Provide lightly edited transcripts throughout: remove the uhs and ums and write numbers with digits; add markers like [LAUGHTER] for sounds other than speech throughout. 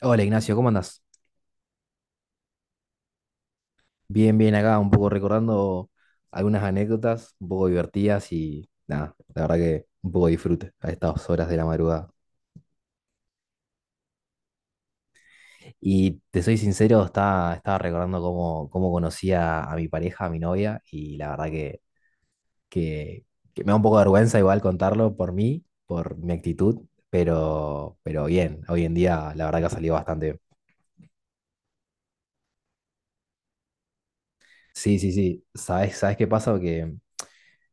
Hola Ignacio, ¿cómo andás? Bien, bien acá, un poco recordando algunas anécdotas, un poco divertidas y nada, la verdad que un poco disfrute a estas horas de la madrugada. Y te soy sincero, estaba recordando cómo conocí a mi pareja, a mi novia, y la verdad que, que me da un poco de vergüenza igual contarlo por mí, por mi actitud, pero bien, hoy en día la verdad que ha salido bastante bien. Sí, sí, sí, ¿sabes qué pasa? Que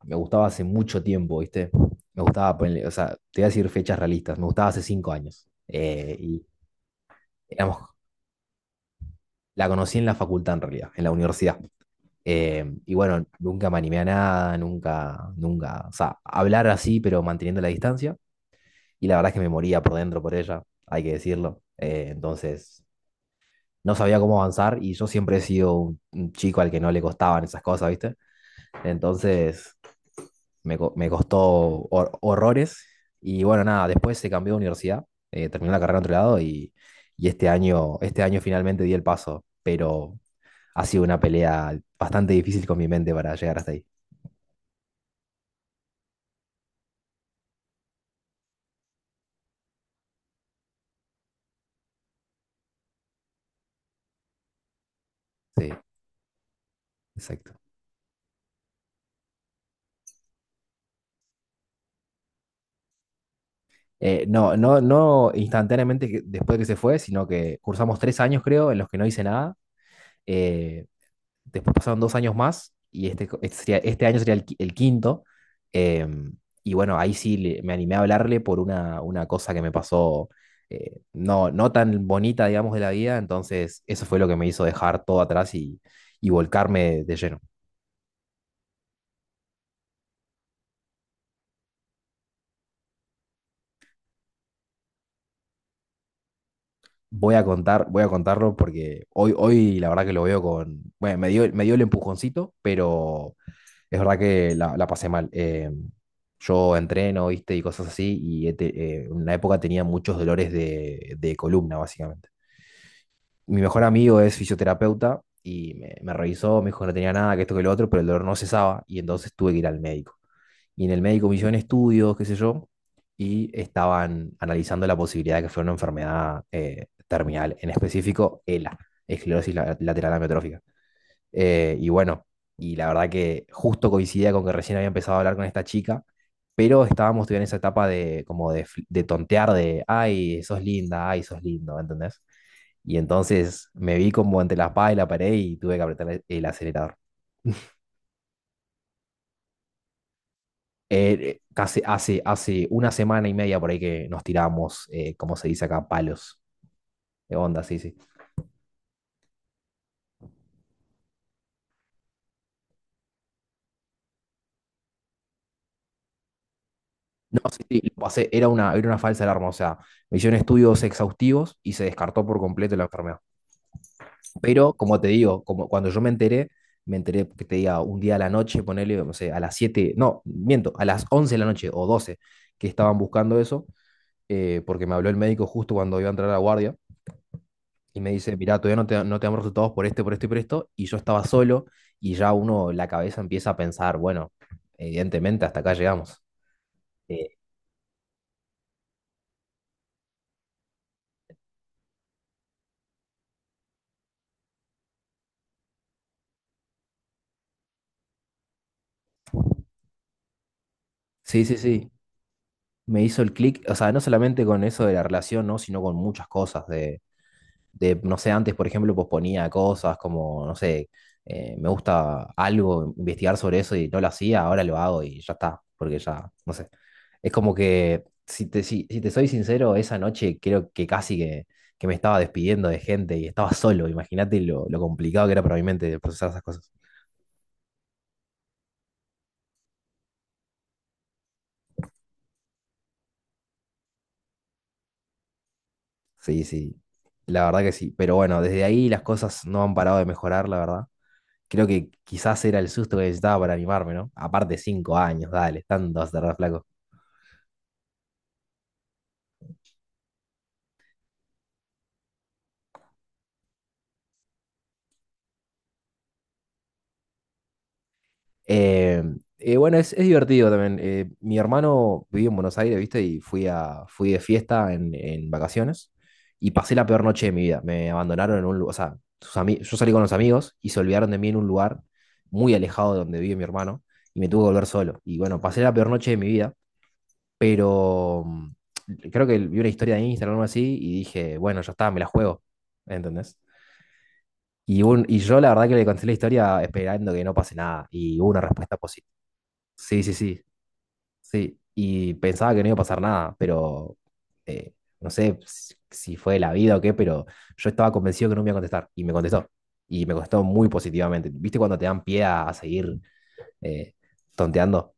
me gustaba hace mucho tiempo, ¿viste? Me gustaba ponerle, o sea, te voy a decir fechas realistas, me gustaba hace cinco años. Y éramos, la conocí en la facultad en realidad, en la universidad. Y bueno, nunca me animé a nada, nunca, o sea, hablar así, pero manteniendo la distancia. Y la verdad es que me moría por dentro por ella, hay que decirlo. Entonces, no sabía cómo avanzar y yo siempre he sido un chico al que no le costaban esas cosas, ¿viste? Entonces, me costó horrores. Y bueno, nada, después se cambió de universidad, terminé la carrera en otro lado y este año finalmente di el paso, pero ha sido una pelea bastante difícil con mi mente para llegar hasta ahí. Sí, exacto. No instantáneamente después de que se fue, sino que cursamos tres años, creo, en los que no hice nada. eh, Después pasaron dos años más y este año sería el quinto. eh, y bueno, ahí sí me animé a hablarle por una cosa que me pasó no tan bonita, digamos, de la vida. Entonces, eso fue lo que me hizo dejar todo atrás y volcarme de lleno. Voy a contarlo porque hoy la verdad que lo veo con, bueno, me dio el empujoncito, pero es verdad que la pasé mal. Yo entreno, viste, y cosas así, y en una época tenía muchos dolores de columna, básicamente. Mi mejor amigo es fisioterapeuta y me revisó, me dijo que no tenía nada, que esto, que lo otro, pero el dolor no cesaba y entonces tuve que ir al médico. Y en el médico me hicieron estudios, qué sé yo, y estaban analizando la posibilidad de que fuera una enfermedad terminal, en específico ELA, esclerosis lateral amiotrófica. Y bueno, y la verdad que justo coincidía con que recién había empezado a hablar con esta chica, pero estábamos todavía en esa etapa de como de tontear de, ay, sos linda, ay, sos lindo, ¿entendés? Y entonces me vi como entre la espada y la pared y tuve que apretar el acelerador. Hace una semana y media por ahí que nos tiramos, como se dice acá, palos. De onda, sí, sí. No, sí, sí, lo pasé, era era una falsa alarma, o sea, me hicieron estudios exhaustivos y se descartó por completo la enfermedad. Pero como te digo, como cuando yo me enteré que te diga un día a la noche, ponele, no sé, a las 7 no, miento, a las 11 de la noche o 12 que estaban buscando eso, porque me habló el médico justo cuando iba a entrar a la guardia y me dice, mirá, todavía no te, no te damos resultados por este, por esto, y yo estaba solo y ya uno, la cabeza empieza a pensar, bueno, evidentemente hasta acá llegamos. Eh, sí, sí, sí, me hizo el clic, o sea, no solamente con eso de la relación, ¿no? Sino con muchas cosas de no sé, antes, por ejemplo, posponía cosas como, no sé, me gusta algo, investigar sobre eso y no lo hacía, ahora lo hago y ya está, porque ya, no sé. Es como que, si te soy sincero, esa noche creo que casi que me estaba despidiendo de gente y estaba solo, imagínate lo complicado que era para mi mente procesar esas cosas. Sí, sí, la verdad que sí, pero bueno, desde ahí las cosas no han parado de mejorar, la verdad. Creo que quizás era el susto que necesitaba para animarme, ¿no? Aparte, cinco años, dale, tanto vas a tardar, flaco. Eh, bueno, es divertido también. Mi hermano vivía en Buenos Aires, ¿viste? Y fui de fiesta en vacaciones y pasé la peor noche de mi vida. Me abandonaron en un lugar, o sea, yo salí con los amigos y se olvidaron de mí en un lugar muy alejado de donde vive mi hermano y me tuve que volver solo. Y bueno, pasé la peor noche de mi vida, pero creo que vi una historia de Instagram o algo así y dije, bueno, ya está, me la juego, ¿entendés? Y yo la verdad que le conté la historia esperando que no pase nada y hubo una respuesta positiva. Sí, sí, sí, sí, y pensaba que no iba a pasar nada, pero eh, no sé si fue la vida o qué, pero yo estaba convencido que no me iba a contestar y me contestó. Y me contestó muy positivamente. ¿Viste cuando te dan pie a seguir eh, tonteando?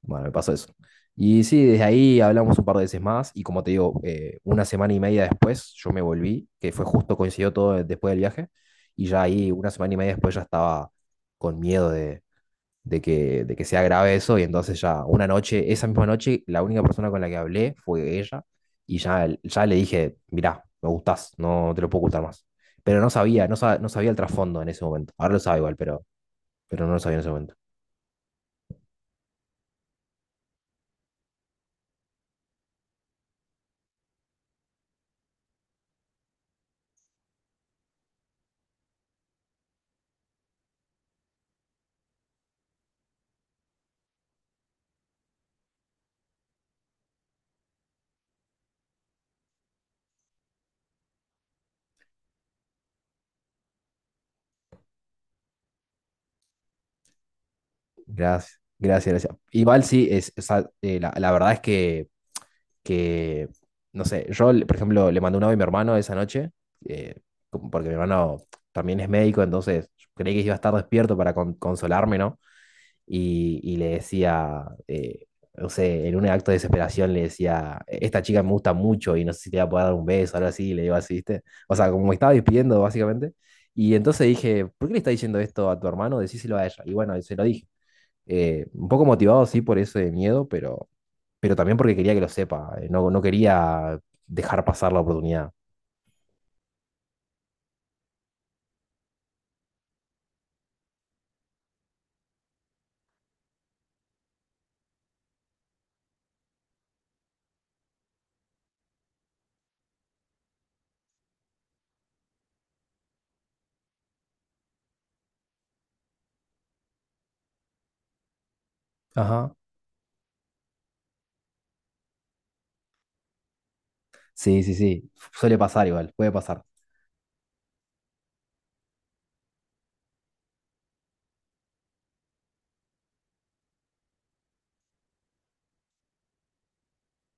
Bueno, me pasó eso. Y sí, desde ahí hablamos un par de veces más y como te digo, una semana y media después yo me volví, que fue justo coincidió todo después del viaje, y ya ahí una semana y media después ya estaba con miedo de de que sea grave eso, y entonces ya una noche, esa misma noche, la única persona con la que hablé fue ella, y ya, ya le dije, mirá, me gustás, no te lo puedo ocultar más. Pero no sabía, no sabía el trasfondo en ese momento. Ahora lo sabe igual, pero no lo sabía en ese momento. Gracias, gracias, gracias. Igual sí, es, o sea, la, la verdad es que no sé, por ejemplo, le mandé un audio a mi hermano esa noche, eh, como porque mi hermano también es médico, entonces creí que iba a estar despierto para consolarme, ¿no? Y, y le decía, no sé, en un acto de desesperación le decía, esta chica me gusta mucho y no sé si te va a poder dar un beso, algo así, y le digo así, ¿viste? O sea, como me estaba despidiendo básicamente. Y entonces dije, ¿por qué le está diciendo esto a tu hermano? Decíselo a ella. Y bueno, se lo dije. Un poco motivado, sí, por ese miedo, pero también porque quería que lo sepa. No no quería dejar pasar la oportunidad. Ajá. Sí, sí, sí. Suele pasar igual, puede pasar.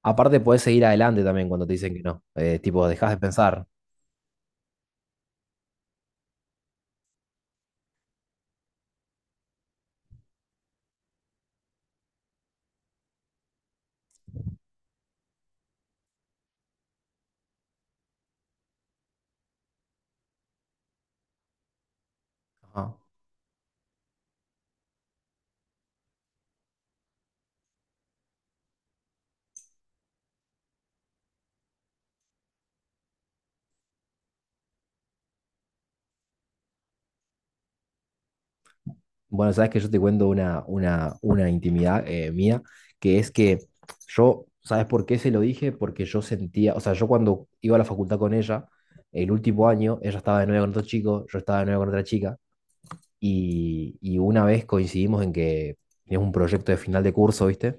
Aparte, puedes seguir adelante también cuando te dicen que no. Tipo, dejas de pensar. Ajá. Bueno, sabes que yo te cuento una intimidad mía, que es que yo, ¿sabes por qué se lo dije? Porque yo sentía, o sea, yo cuando iba a la facultad con ella, el último año, ella estaba de novia con otro chico, yo estaba de novia con otra chica, y una vez coincidimos en que teníamos un proyecto de final de curso, ¿viste?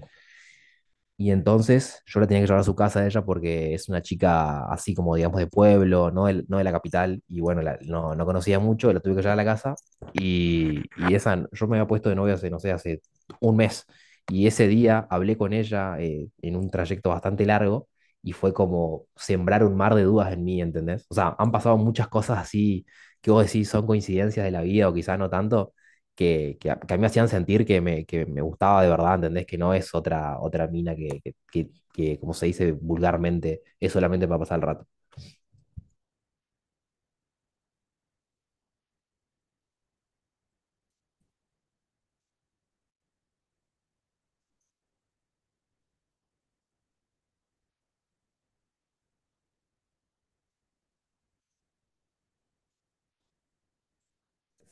Y entonces yo la tenía que llevar a su casa a ella porque es una chica así como, digamos, de pueblo, no de, no de la capital. Y bueno, no conocía mucho, la tuve que llevar a la casa. Y, y esa, yo me había puesto de novia hace, no sé, hace un mes. Y ese día hablé con ella en un trayecto bastante largo y fue como sembrar un mar de dudas en mí, ¿entendés? O sea, han pasado muchas cosas así que vos decís son coincidencias de la vida o quizás no tanto que a mí me hacían sentir que que me gustaba de verdad, ¿entendés? Que no es otra mina como se dice vulgarmente, es solamente para pasar el rato.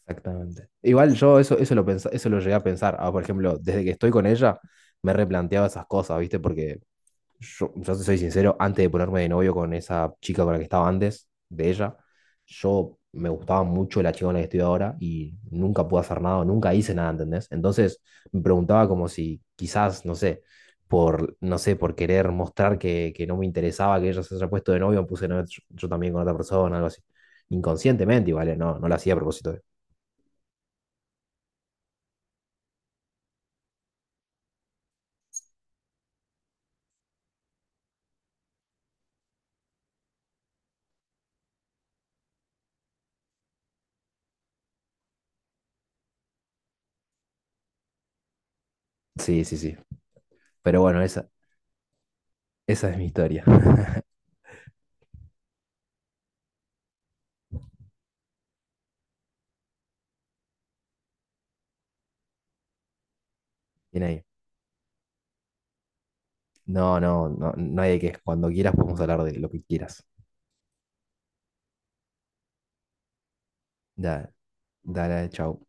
Exactamente. Igual yo eso, eso lo llegué a pensar. Ah, por ejemplo, desde que estoy con ella, me replanteaba esas cosas, ¿viste? Porque yo te soy sincero, antes de ponerme de novio con esa chica con la que estaba antes, de ella, yo me gustaba mucho la chica con la que estoy ahora y nunca pude hacer nada, nunca hice nada, ¿entendés? Entonces me preguntaba como si quizás, no sé, no sé, por querer mostrar que no me interesaba que ella se haya puesto de novio, me puse de novio yo también con otra persona, algo así. Inconscientemente, igual, ¿eh? No lo hacía a propósito. Sí, sí, sí. Pero bueno, esa es mi historia. [LAUGHS] Bien ahí. No, no, no, no hay de qué. Cuando quieras podemos hablar de lo que quieras. Dale, dale, chao.